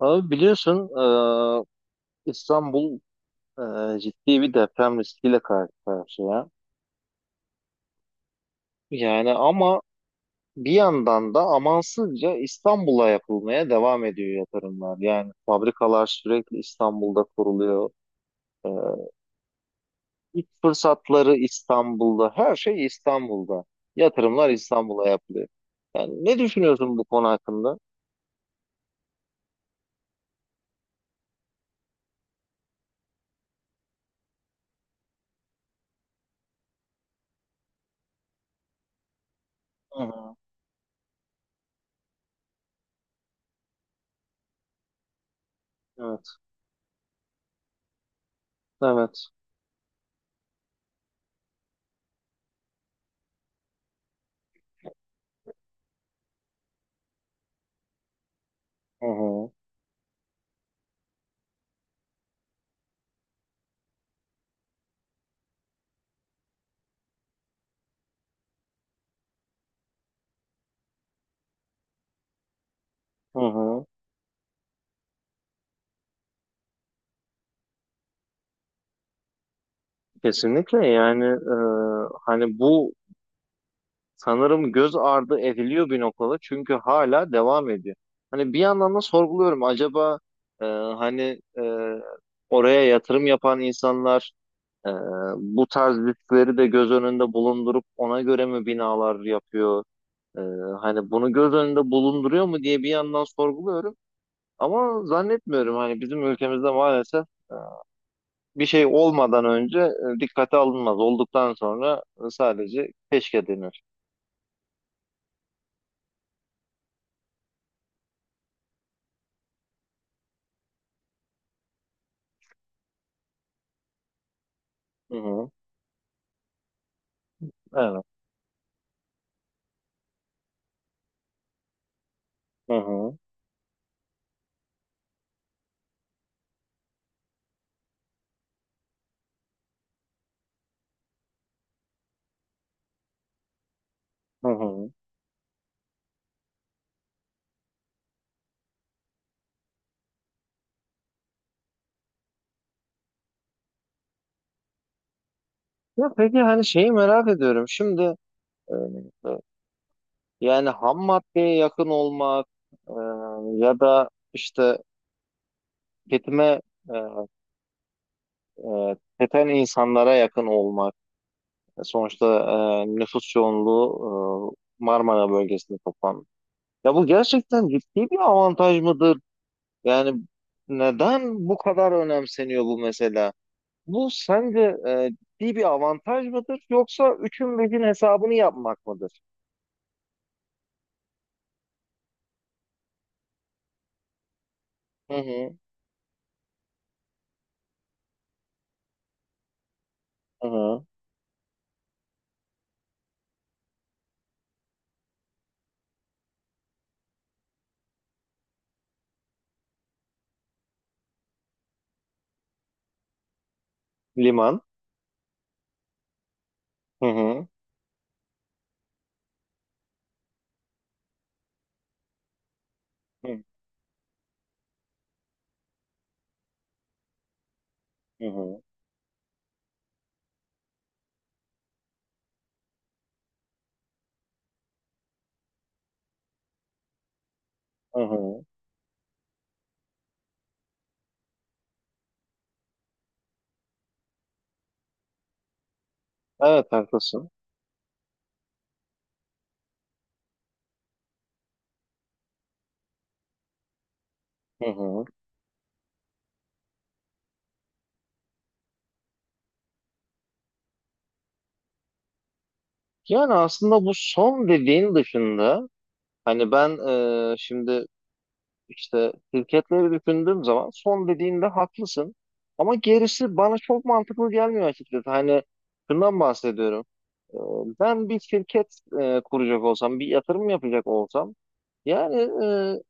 Abi biliyorsun, İstanbul, ciddi bir deprem riskiyle karşı karşıya. Yani, ama bir yandan da amansızca İstanbul'a yapılmaya devam ediyor yatırımlar. Yani fabrikalar sürekli İstanbul'da kuruluyor. E, İlk fırsatları İstanbul'da, her şey İstanbul'da. Yatırımlar İstanbul'a yapılıyor. Yani ne düşünüyorsun bu konu hakkında? Hı hı. Evet, evet. Hı hı. Hı hı. Kesinlikle yani, hani bu sanırım göz ardı ediliyor bir noktada, çünkü hala devam ediyor. Hani bir yandan da sorguluyorum, acaba hani oraya yatırım yapan insanlar e, bu tarz riskleri de göz önünde bulundurup ona göre mi binalar yapıyor? E, Hani bunu göz önünde bulunduruyor mu diye bir yandan sorguluyorum. Ama zannetmiyorum, hani bizim ülkemizde maalesef bir şey olmadan önce dikkate alınmaz. Olduktan sonra sadece keşke denir. Hı hı. Evet. Hı hı. Hı hı. Ya peki, hani şeyi merak ediyorum. Şimdi e, e, yani ham maddeye yakın olmak, e, ya da işte tüketime, e, tüketen insanlara yakın olmak. Sonuçta nüfus yoğunluğu Marmara bölgesinde toplanmış. Ya bu gerçekten ciddi bir avantaj mıdır? Yani neden bu kadar önemseniyor bu mesela? Bu sence ciddi bir avantaj mıdır, yoksa üçün beşin hesabını yapmak mıdır? Hı hı. Hı hı. Liman. Hı hı. Hı hı. Hı hı. Evet, haklısın. Hı hı. Yani aslında bu son dediğin dışında, hani ben, şimdi, işte şirketleri düşündüğüm zaman, son dediğinde haklısın. Ama gerisi bana çok mantıklı gelmiyor açıkçası. Hani şundan bahsediyorum. E, Ben bir şirket kuracak olsam, bir yatırım yapacak olsam, yani e,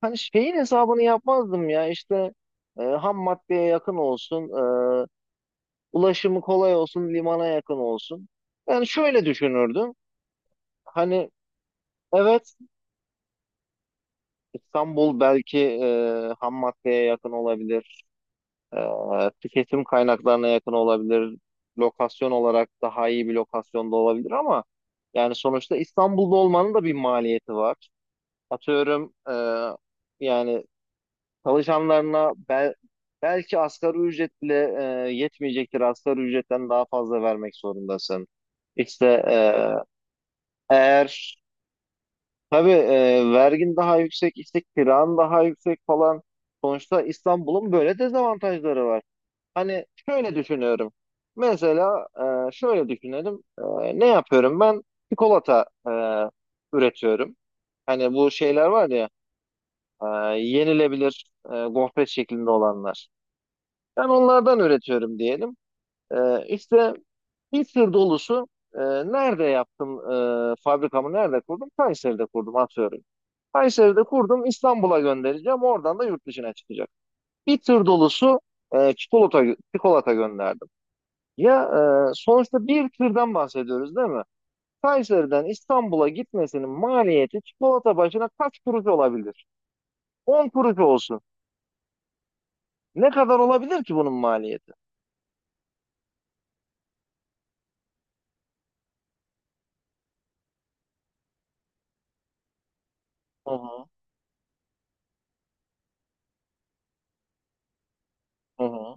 hani şeyin hesabını yapmazdım ya, işte ham maddeye yakın olsun, ulaşımı kolay olsun, limana yakın olsun. Yani şöyle düşünürdüm. Hani, evet, İstanbul belki ham maddeye yakın olabilir, tüketim kaynaklarına yakın olabilir, lokasyon olarak daha iyi bir lokasyonda olabilir, ama yani sonuçta İstanbul'da olmanın da bir maliyeti var. Atıyorum, yani çalışanlarına belki asgari ücret bile yetmeyecektir. Asgari ücretten daha fazla vermek zorundasın. İşte, eğer, tabii, vergin daha yüksek, işte kiran daha yüksek falan. Sonuçta İstanbul'un böyle dezavantajları var. Hani şöyle düşünüyorum. Mesela, şöyle düşünelim. Ne yapıyorum ben? Çikolata üretiyorum. Hani bu şeyler var ya, e, yenilebilir, gofret şeklinde olanlar. Ben onlardan üretiyorum diyelim. İşte bir tır dolusu, e, nerede yaptım, fabrikamı nerede kurdum? Kayseri'de kurdum, atıyorum. Kayseri'de kurdum, İstanbul'a göndereceğim, oradan da yurt dışına çıkacak. Bir tır dolusu e, çikolata, çikolata gönderdim. Ya, sonuçta bir tırdan bahsediyoruz, değil mi? Kayseri'den İstanbul'a gitmesinin maliyeti çikolata başına kaç kuruş olabilir? 10 kuruş olsun. Ne kadar olabilir ki bunun maliyeti? Hı hı, hı hı.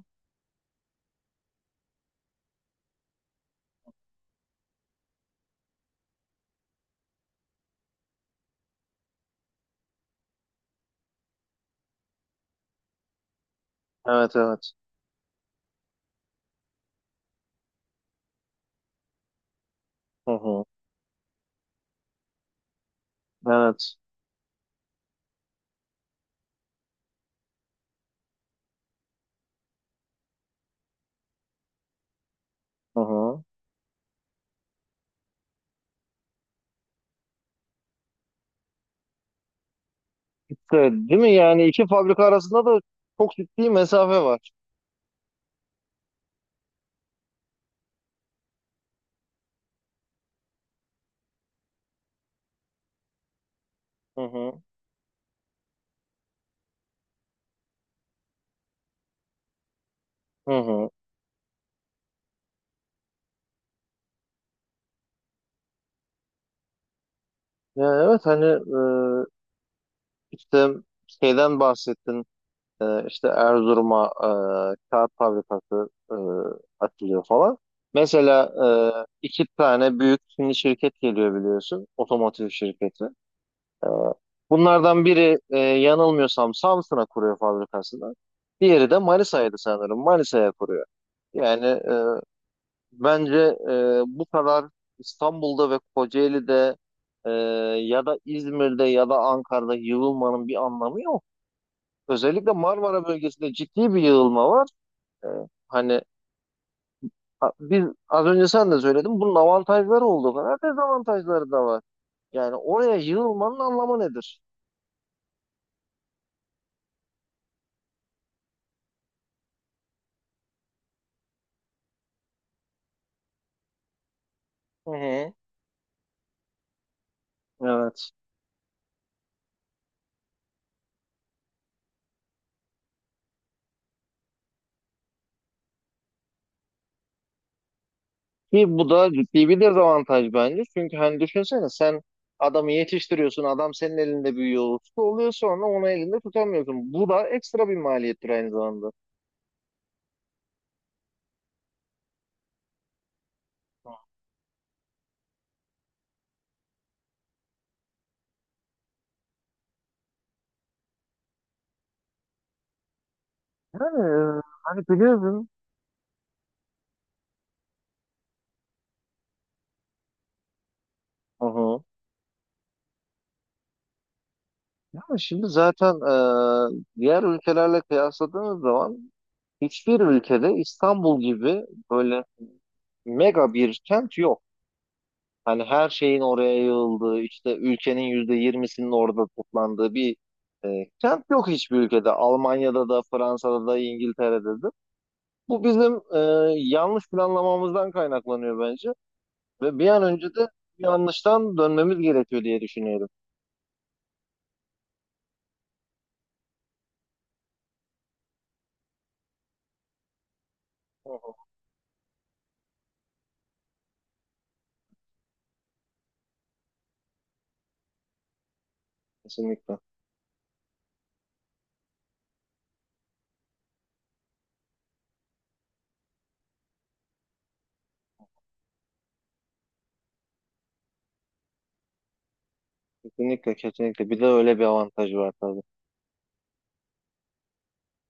Evet, evet. Hı hı. Evet. Hı hı. Evet, değil mi? Yani iki fabrika arasında da çok ciddi mesafe var. Hı hı. Hı hı. Ya, evet, hani işte şeyden bahsettin. İşte Erzurum'a kağıt fabrikası açılıyor falan. Mesela, iki tane büyük Çinli şirket geliyor, biliyorsun. Otomotiv şirketi. Bunlardan biri, yanılmıyorsam, Samsun'a kuruyor fabrikasını. Diğeri de Manisa'ydı sanırım. Manisa'ya kuruyor. Yani, bence bu kadar İstanbul'da ve Kocaeli'de, e, ya da İzmir'de ya da Ankara'da yığılmanın bir anlamı yok. Özellikle Marmara bölgesinde ciddi bir yığılma var. E, Hani biz, az önce sen de söyledin, bunun avantajları olduğu kadar dezavantajları da var. Yani oraya yığılmanın anlamı nedir? Hı hı. Evet. Ki bu da ciddi bir dezavantaj bence. Çünkü hani düşünsene, sen adamı yetiştiriyorsun, adam senin elinde büyüyor, usta oluyor, sonra onu elinde tutamıyorsun. Bu da ekstra bir maliyettir aynı zamanda. Yani hani biliyorsun. Hı hı. Yani şimdi zaten diğer ülkelerle kıyasladığınız zaman, hiçbir ülkede İstanbul gibi böyle mega bir kent yok. Hani her şeyin oraya yığıldığı, işte ülkenin %20'sinin orada toplandığı bir kent yok hiçbir ülkede. Almanya'da da, Fransa'da da, İngiltere'de de. Bu bizim yanlış planlamamızdan kaynaklanıyor bence. Ve bir an önce de bu yanlıştan dönmemiz gerekiyor diye düşünüyorum. Hı hı. Kesinlikle. Kesinlikle, kesinlikle. Bir de öyle bir avantajı var tabii.